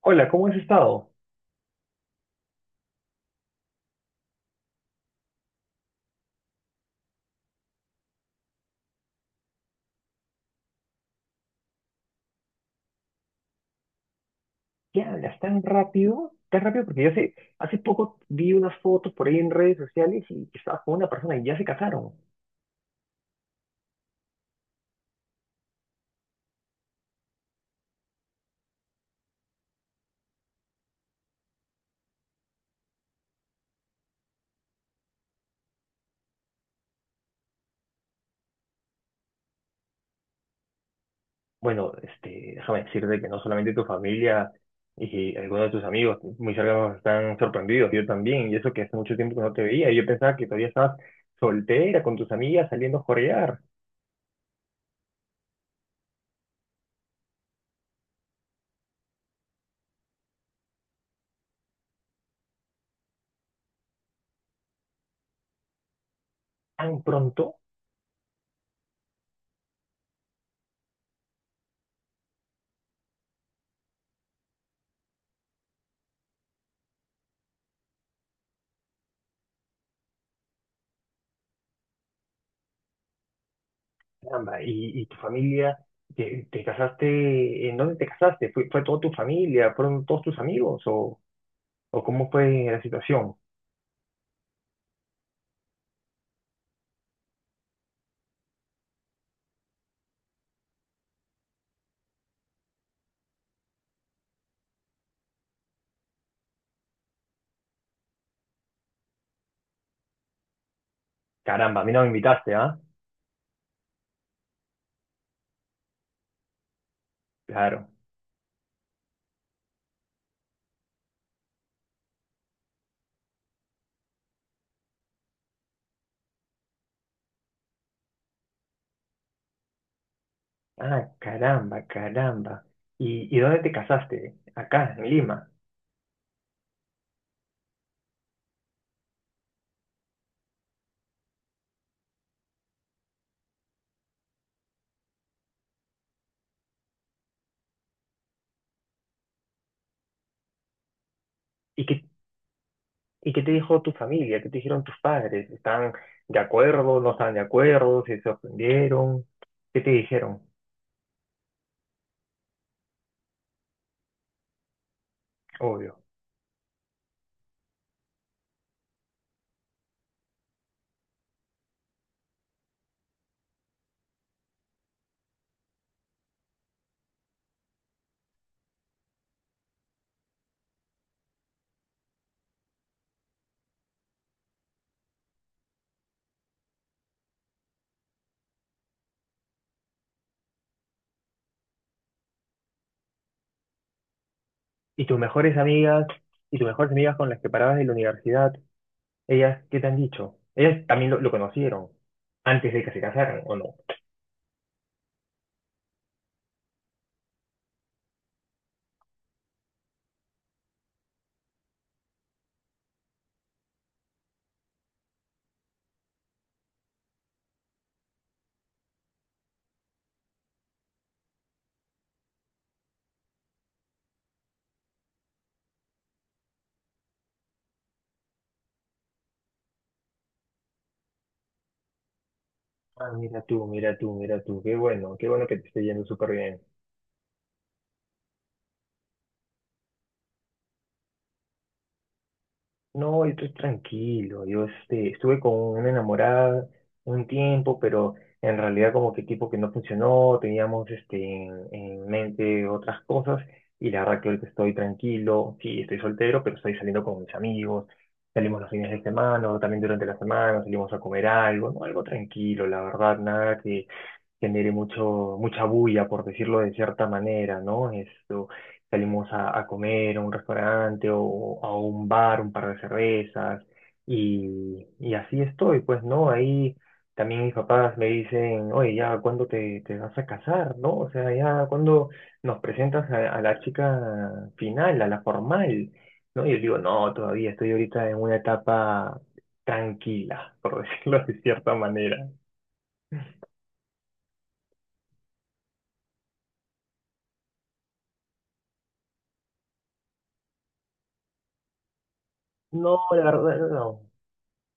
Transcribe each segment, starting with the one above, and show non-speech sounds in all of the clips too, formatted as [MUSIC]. Hola, ¿cómo has estado? ¿Qué hablas tan rápido? Tan rápido porque yo hace poco vi unas fotos por ahí en redes sociales y que estabas con una persona y ya se casaron. Bueno, este, déjame decirte que no solamente tu familia y algunos de tus amigos muy cercanos están sorprendidos, yo también, y eso que hace mucho tiempo que no te veía, y yo pensaba que todavía estabas soltera con tus amigas saliendo a jorear. ¿Tan pronto? Caramba, y tu familia, te casaste, ¿en dónde te casaste? ¿Fue toda tu familia? ¿Fueron todos tus amigos o...? ¿O cómo fue la situación? Caramba, a mí no me invitaste, ¿ah? Claro. Ah, caramba, caramba. ¿Y dónde te casaste? Acá, en Lima. ¿Y qué, y qué te dijo tu familia? ¿Qué te dijeron tus padres? ¿Están de acuerdo? ¿No están de acuerdo? ¿Si ¿Se sorprendieron? ¿Qué te dijeron? Obvio. ¿Y tus mejores amigas? ¿Y tus mejores amigas con las que parabas de la universidad? ¿Ellas qué te han dicho? ¿Ellas también lo conocieron antes de que se casaran o no? Ah, mira tú, mira tú, mira tú. Qué bueno que te esté yendo súper bien. No, yo estoy tranquilo. Yo este, estuve con una enamorada un tiempo, pero en realidad como que tipo que no funcionó, teníamos este, en mente otras cosas y la verdad que ahorita estoy tranquilo. Sí, estoy soltero, pero estoy saliendo con mis amigos. Salimos los fines de semana o también durante la semana, salimos a comer algo, ¿no? Algo tranquilo, la verdad, nada que genere mucha bulla, por decirlo de cierta manera, ¿no? Esto, salimos a comer a un restaurante o a un bar, un par de cervezas, y así estoy, pues, ¿no? Ahí también mis papás me dicen, oye, ya, ¿cuándo te vas a casar, ¿no? O sea, ya, ¿cuándo nos presentas a la chica final, a la formal, ¿no? Y yo digo, no, todavía estoy ahorita en una etapa tranquila, [LAUGHS] por decirlo de cierta manera. No, la verdad, no.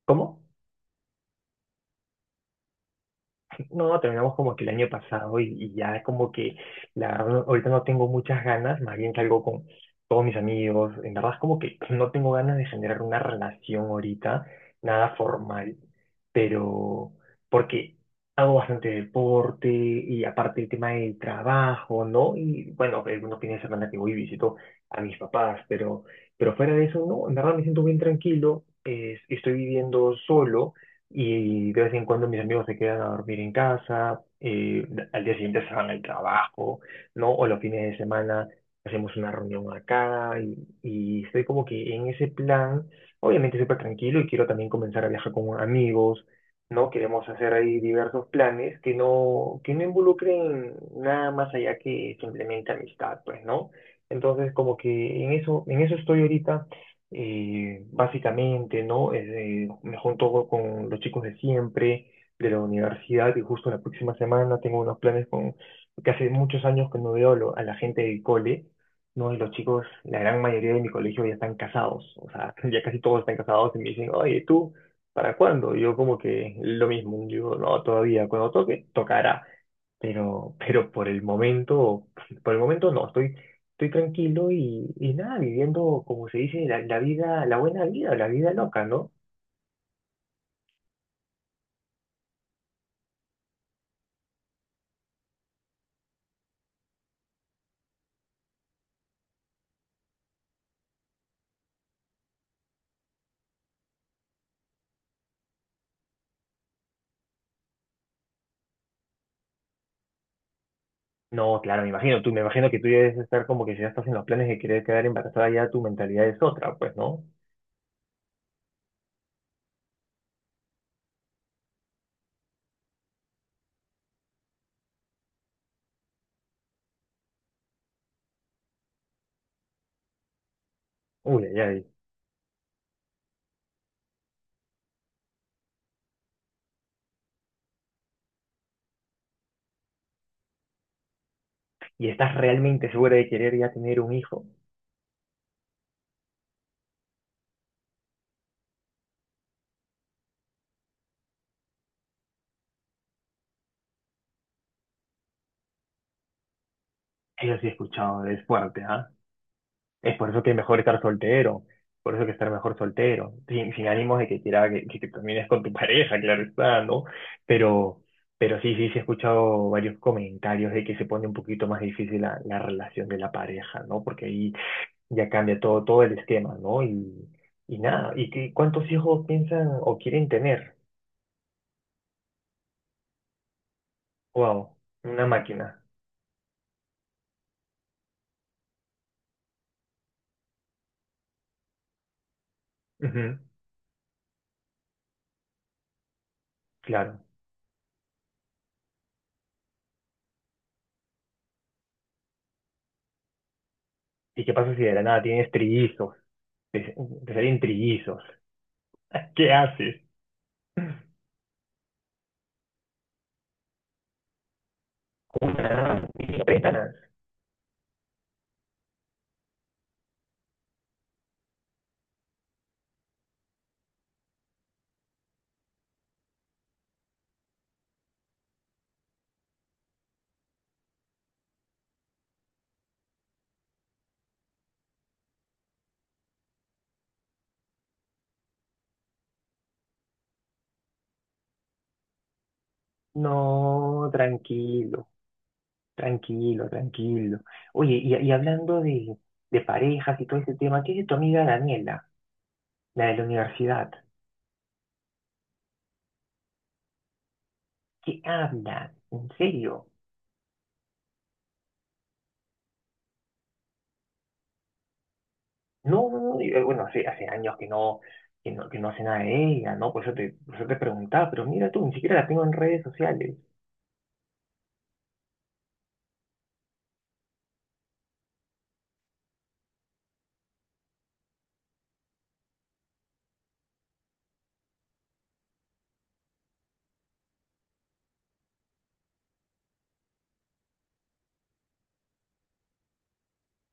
¿Cómo? No, terminamos como que el año pasado y ya es como que la verdad ahorita no tengo muchas ganas, más bien salgo con todos mis amigos, en verdad es como que no tengo ganas de generar una relación ahorita, nada formal, pero porque hago bastante deporte y aparte el tema del trabajo, ¿no? Y bueno, algunos fines de semana que voy y visito a mis papás, pero fuera de eso, no, en verdad me siento bien tranquilo, estoy viviendo solo. Y de vez en cuando mis amigos se quedan a dormir en casa, al día siguiente se van al trabajo, ¿no? O los fines de semana hacemos una reunión acá y estoy como que en ese plan, obviamente súper tranquilo y quiero también comenzar a viajar con amigos, ¿no? Queremos hacer ahí diversos planes que no involucren nada más allá que simplemente amistad, pues, ¿no? Entonces, como que en eso estoy ahorita básicamente, ¿no? Me junto con los chicos de siempre, de la universidad, y justo la próxima semana tengo unos planes que hace muchos años que no veo a la gente del cole, ¿no? Y los chicos, la gran mayoría de mi colegio ya están casados, o sea, [LAUGHS] ya casi todos están casados y me dicen, oye, ¿tú para cuándo? Y yo como que lo mismo, digo, no, todavía, cuando toque, tocará. Pero por el momento no, estoy tranquilo y nada, viviendo, como se dice, la vida, la buena vida, la vida loca, ¿no? No, claro, me imagino que tú ya debes estar como que si ya estás en los planes de querer quedar embarazada, ya tu mentalidad es otra, pues, ¿no? Uy, ay, ay. ¿Y estás realmente segura de querer ya tener un hijo? Eso sí he escuchado, es fuerte, ¿ah? Es por eso que es mejor estar soltero, por eso que estar mejor soltero, sin ánimos de que quiera que termines con tu [LAUGHS] pareja, claro está, ¿no? Pero, pero sí, sí, sí he escuchado varios comentarios de que se pone un poquito más difícil la relación de la pareja, ¿no? Porque ahí ya cambia todo el esquema, ¿no? Y nada, cuántos hijos piensan o quieren tener? Wow, una máquina. Ujú, claro. ¿Y qué pasa si de la nada tienes trillizos? Te, te salen trillizos. [LAUGHS] ¿Qué haces? Una, dice pétalas. No, tranquilo, tranquilo, tranquilo. Oye, y hablando de parejas y todo ese tema, ¿qué es de tu amiga Daniela, la de la universidad? ¿Qué habla? ¿En serio? No, no, no, y, bueno, hace años que no hace nada de ella, ¿no? Por eso te preguntaba, pero mira tú, ni siquiera la tengo en redes sociales.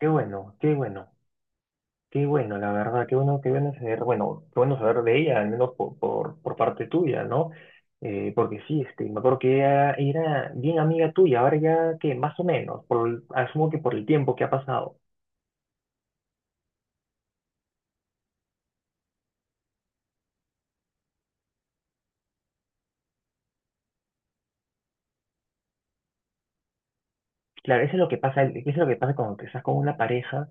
Qué bueno, qué bueno. Qué bueno, la verdad, qué bueno saber, qué bueno saber de ella, al menos por, parte tuya, ¿no? Porque sí, este, me acuerdo que ella era bien amiga tuya, ahora ya que más o menos, asumo que por el tiempo que ha pasado. Claro, eso es lo que pasa, eso es lo que pasa cuando te estás con una pareja,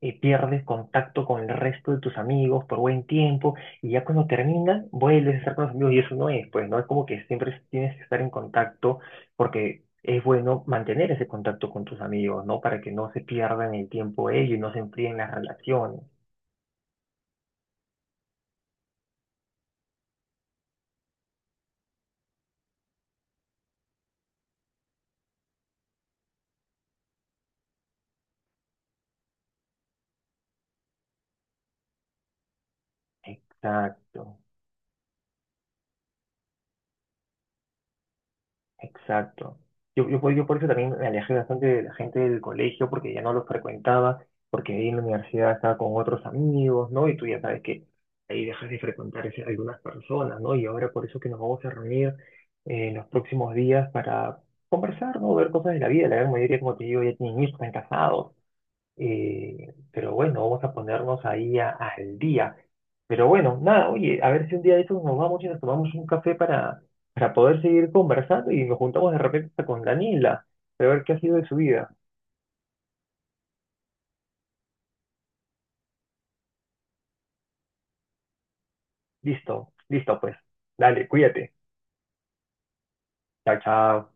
pierdes contacto con el resto de tus amigos por buen tiempo, y ya cuando terminan, vuelves a estar con los amigos, y eso no es, pues, ¿no? Es como que siempre tienes que estar en contacto, porque es bueno mantener ese contacto con tus amigos, ¿no? Para que no se pierdan el tiempo ellos y no se enfríen las relaciones. Exacto. Exacto. Yo por eso también me alejé bastante de la gente del colegio, porque ya no los frecuentaba, porque ahí en la universidad estaba con otros amigos, ¿no? Y tú ya sabes que ahí dejas de frecuentar algunas personas, ¿no? Y ahora por eso que nos vamos a reunir en los próximos días para conversar, ¿no? Ver cosas de la vida. La gran mayoría, como te digo, ya tienen hijos, están casados, pero bueno, vamos a ponernos ahí al día. Pero bueno, nada, oye, a ver si un día de estos nos vamos y nos tomamos un café para poder seguir conversando y nos juntamos de repente hasta con Daniela, para ver qué ha sido de su vida. Listo, listo pues. Dale, cuídate. Chao, chao.